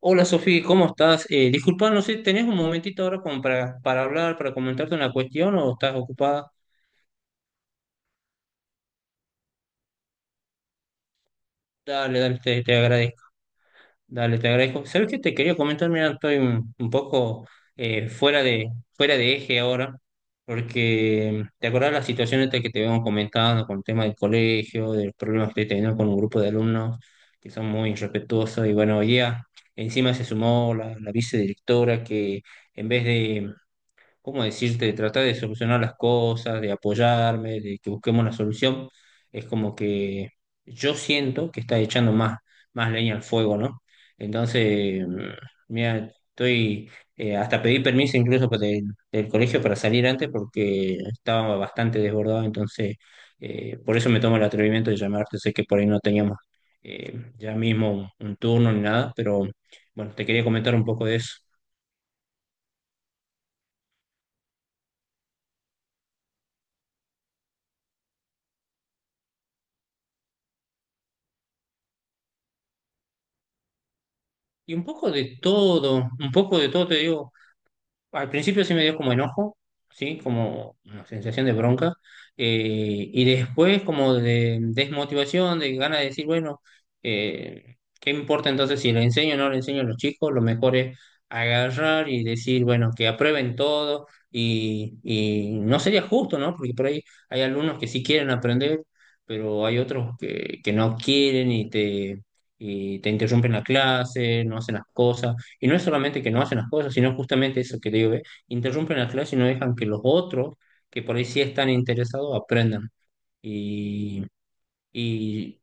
Hola Sofía, ¿cómo estás? Disculpa, no sé, ¿tenés un momentito ahora como para hablar, para comentarte una cuestión o estás ocupada? Dale, dale, te agradezco. Dale, te agradezco. ¿Sabes qué te quería comentar? Mira, estoy un poco fuera de eje ahora, porque te acordás la situación esta que te habíamos comentado con el tema del colegio, de los problemas que estoy teniendo con un grupo de alumnos que son muy irrespetuosos y bueno, hoy día encima se sumó la vicedirectora que en vez de ¿cómo decirte?, de tratar de solucionar las cosas, de apoyarme, de que busquemos la solución, es como que yo siento que está echando más, más leña al fuego, ¿no? Entonces, mira, estoy, hasta pedí permiso incluso para del colegio para salir antes porque estaba bastante desbordado, entonces, por eso me tomo el atrevimiento de llamarte, sé que por ahí no teníamos ya mismo un turno ni nada, pero bueno, te quería comentar un poco de eso. Y un poco de todo, un poco de todo, te digo, al principio sí me dio como enojo, sí, como una sensación de bronca, y después como de desmotivación, de ganas de decir, bueno, ¿qué importa entonces si le enseño o no le enseño a los chicos? Lo mejor es agarrar y decir, bueno, que aprueben todo y no sería justo, ¿no? Porque por ahí hay alumnos que sí quieren aprender, pero hay otros que no quieren y y te interrumpen la clase, no hacen las cosas. Y no es solamente que no hacen las cosas, sino justamente eso que digo, ve, interrumpen la clase y no dejan que los otros, que por ahí sí están interesados, aprendan. Y, y,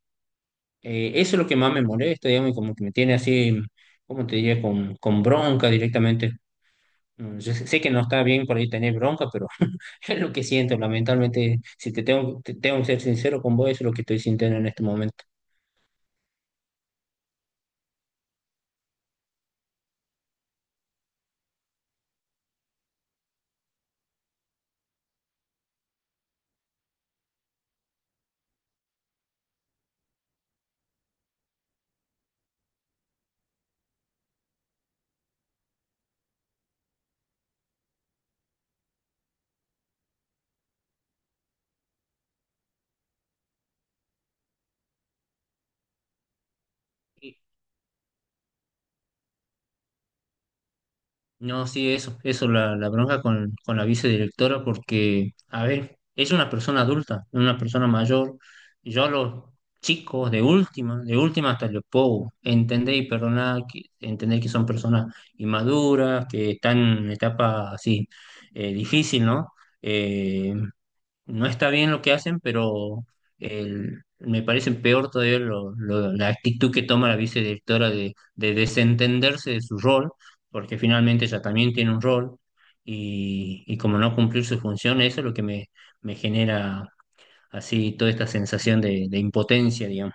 Eso es lo que más me molesta, digamos, y como que me tiene así, ¿cómo te diría? Con bronca directamente. Yo sé que no está bien por ahí tener bronca, pero es lo que siento, lamentablemente, si te tengo, te tengo que ser sincero con vos, eso es lo que estoy sintiendo en este momento. No, sí, eso, la bronca con la vicedirectora, porque, a ver, es una persona adulta, es una persona mayor. Yo a los chicos, de última hasta les puedo entender y perdonar, entender que son personas inmaduras, que están en etapa así difícil, ¿no? Eh, no está bien lo que hacen, pero me parece peor todavía la actitud que toma la vicedirectora de desentenderse de su rol, porque finalmente ella también tiene un rol y como no cumplir su función, eso es lo que me genera así toda esta sensación de impotencia, digamos.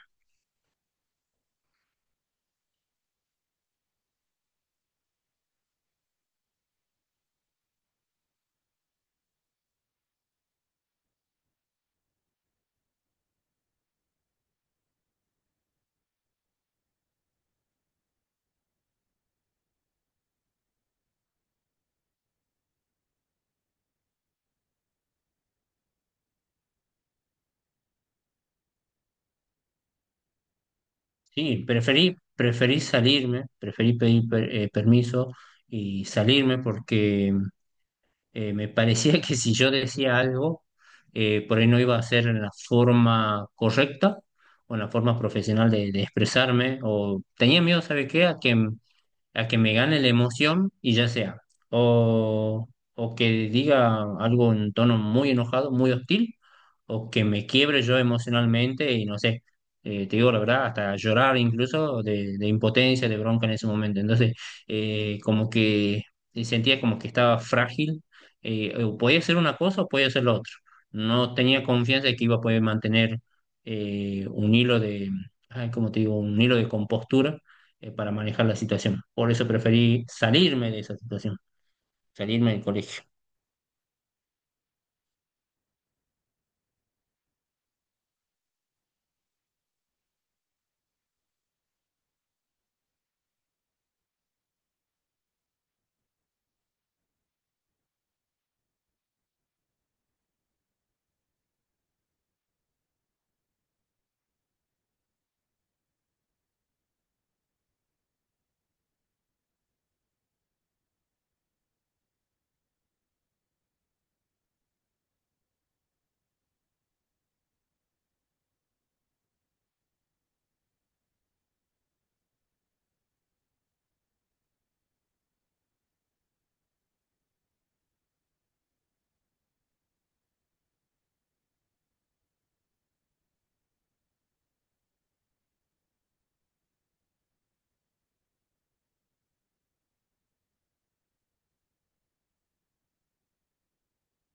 Sí, preferí, preferí salirme, preferí pedir permiso y salirme porque me parecía que si yo decía algo, por ahí no iba a ser en la forma correcta o en la forma profesional de expresarme, o tenía miedo, ¿sabe qué? A que me gane la emoción y ya sea, o, o que diga algo en tono muy enojado, muy hostil, o que me quiebre yo emocionalmente y no sé, te digo la verdad, hasta llorar incluso de impotencia, de bronca en ese momento. Entonces, como que sentía como que estaba frágil, o podía hacer una cosa o podía hacer lo otro. No tenía confianza de que iba a poder mantener un hilo de, ay, ¿cómo te digo? Un hilo de compostura para manejar la situación. Por eso preferí salirme de esa situación, salirme del colegio.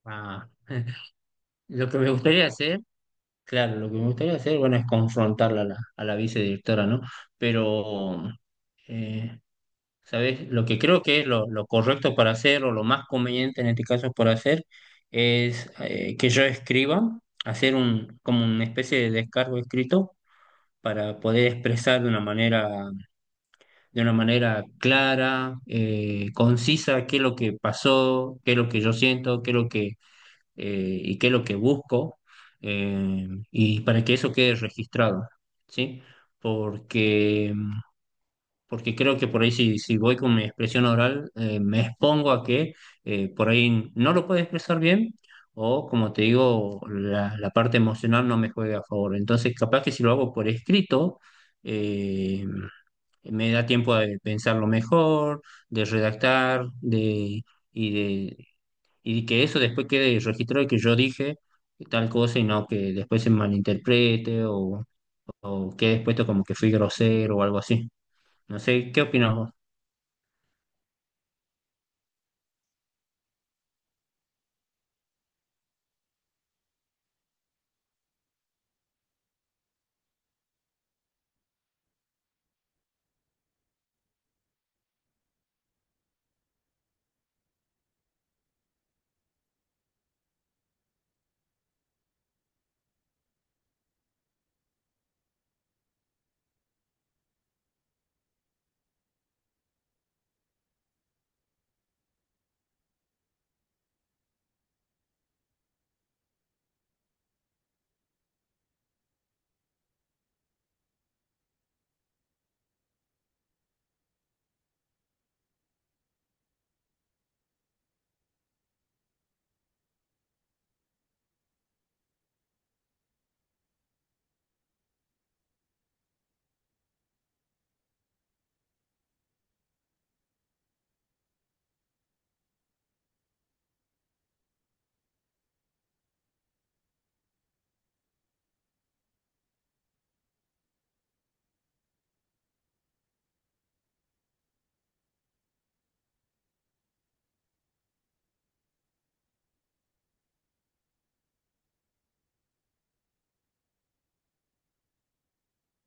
Ah, lo que me gustaría hacer, claro, lo que me gustaría hacer, bueno, es confrontarla a la vicedirectora, ¿no? Pero, eh, ¿sabes? Lo que creo que es lo correcto para hacer, o lo más conveniente en este caso por hacer, es que yo escriba, hacer un, como una especie de descargo escrito para poder expresar de una manera clara, concisa, qué es lo que pasó, qué es lo que yo siento, qué es lo que, y qué es lo que busco, y para que eso quede registrado, ¿sí? Porque, porque creo que por ahí si voy con mi expresión oral, me expongo a que por ahí no lo puedo expresar bien. O, como te digo, la parte emocional no me juega a favor. Entonces, capaz que si lo hago por escrito, eh, me da tiempo de pensarlo mejor, de redactar, y de, y que eso después quede registrado y que yo dije tal cosa y no que después se malinterprete o quede puesto como que fui grosero o algo así. No sé, ¿qué opinas vos?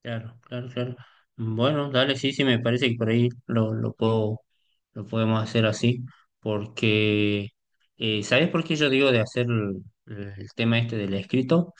Claro, claro, claro. Bueno, dale, sí, sí, me parece que por ahí lo puedo, lo podemos hacer así, porque ¿sabes por qué yo digo de hacer el tema este del escrito?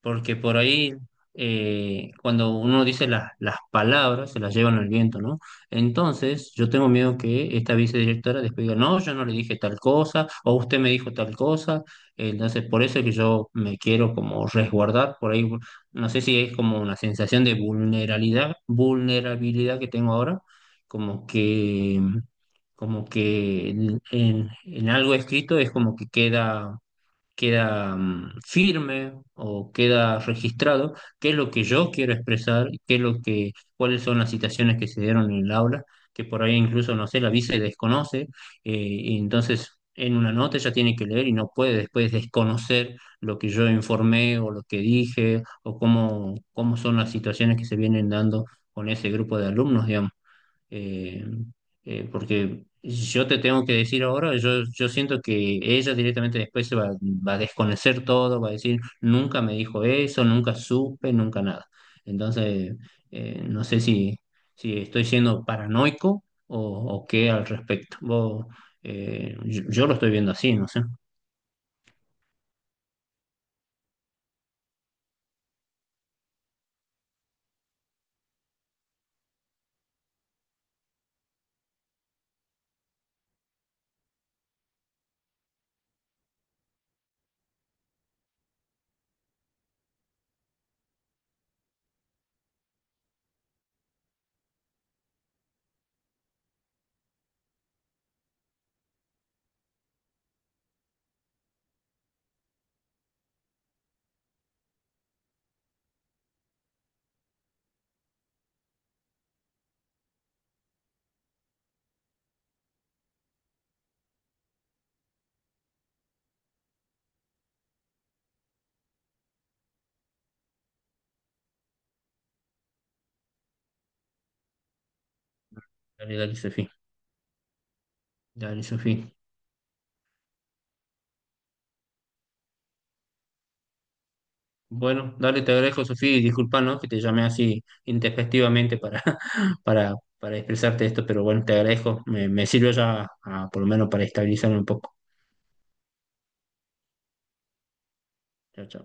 Porque por ahí cuando uno dice las palabras se las llevan al viento, ¿no? Entonces yo tengo miedo que esta vicedirectora después diga, no, yo no le dije tal cosa, o usted me dijo tal cosa, entonces por eso es que yo me quiero como resguardar, por ahí no sé si es como una sensación de vulnerabilidad, vulnerabilidad que tengo ahora, como que... como que en en algo escrito es como que queda queda firme o queda registrado qué es lo que yo quiero expresar, qué es lo que, cuáles son las situaciones que se dieron en el aula, que por ahí incluso, no sé, la vice desconoce, y entonces en una nota ella tiene que leer y no puede después desconocer lo que yo informé o lo que dije o cómo, cómo son las situaciones que se vienen dando con ese grupo de alumnos, digamos eh, porque yo te tengo que decir ahora, yo siento que ella directamente después se va, va a desconocer todo, va a decir, nunca me dijo eso, nunca supe, nunca nada. Entonces, no sé si estoy siendo paranoico o qué al respecto. Vos, yo lo estoy viendo así, no sé. Dale, dale, Sofía. Dale, Sofía. Bueno, dale, te agradezco, Sofía, y disculpa, ¿no? Que te llamé así intempestivamente para, para expresarte esto, pero bueno, te agradezco. Me sirve ya, por lo menos, para estabilizarme un poco. Chao, chao.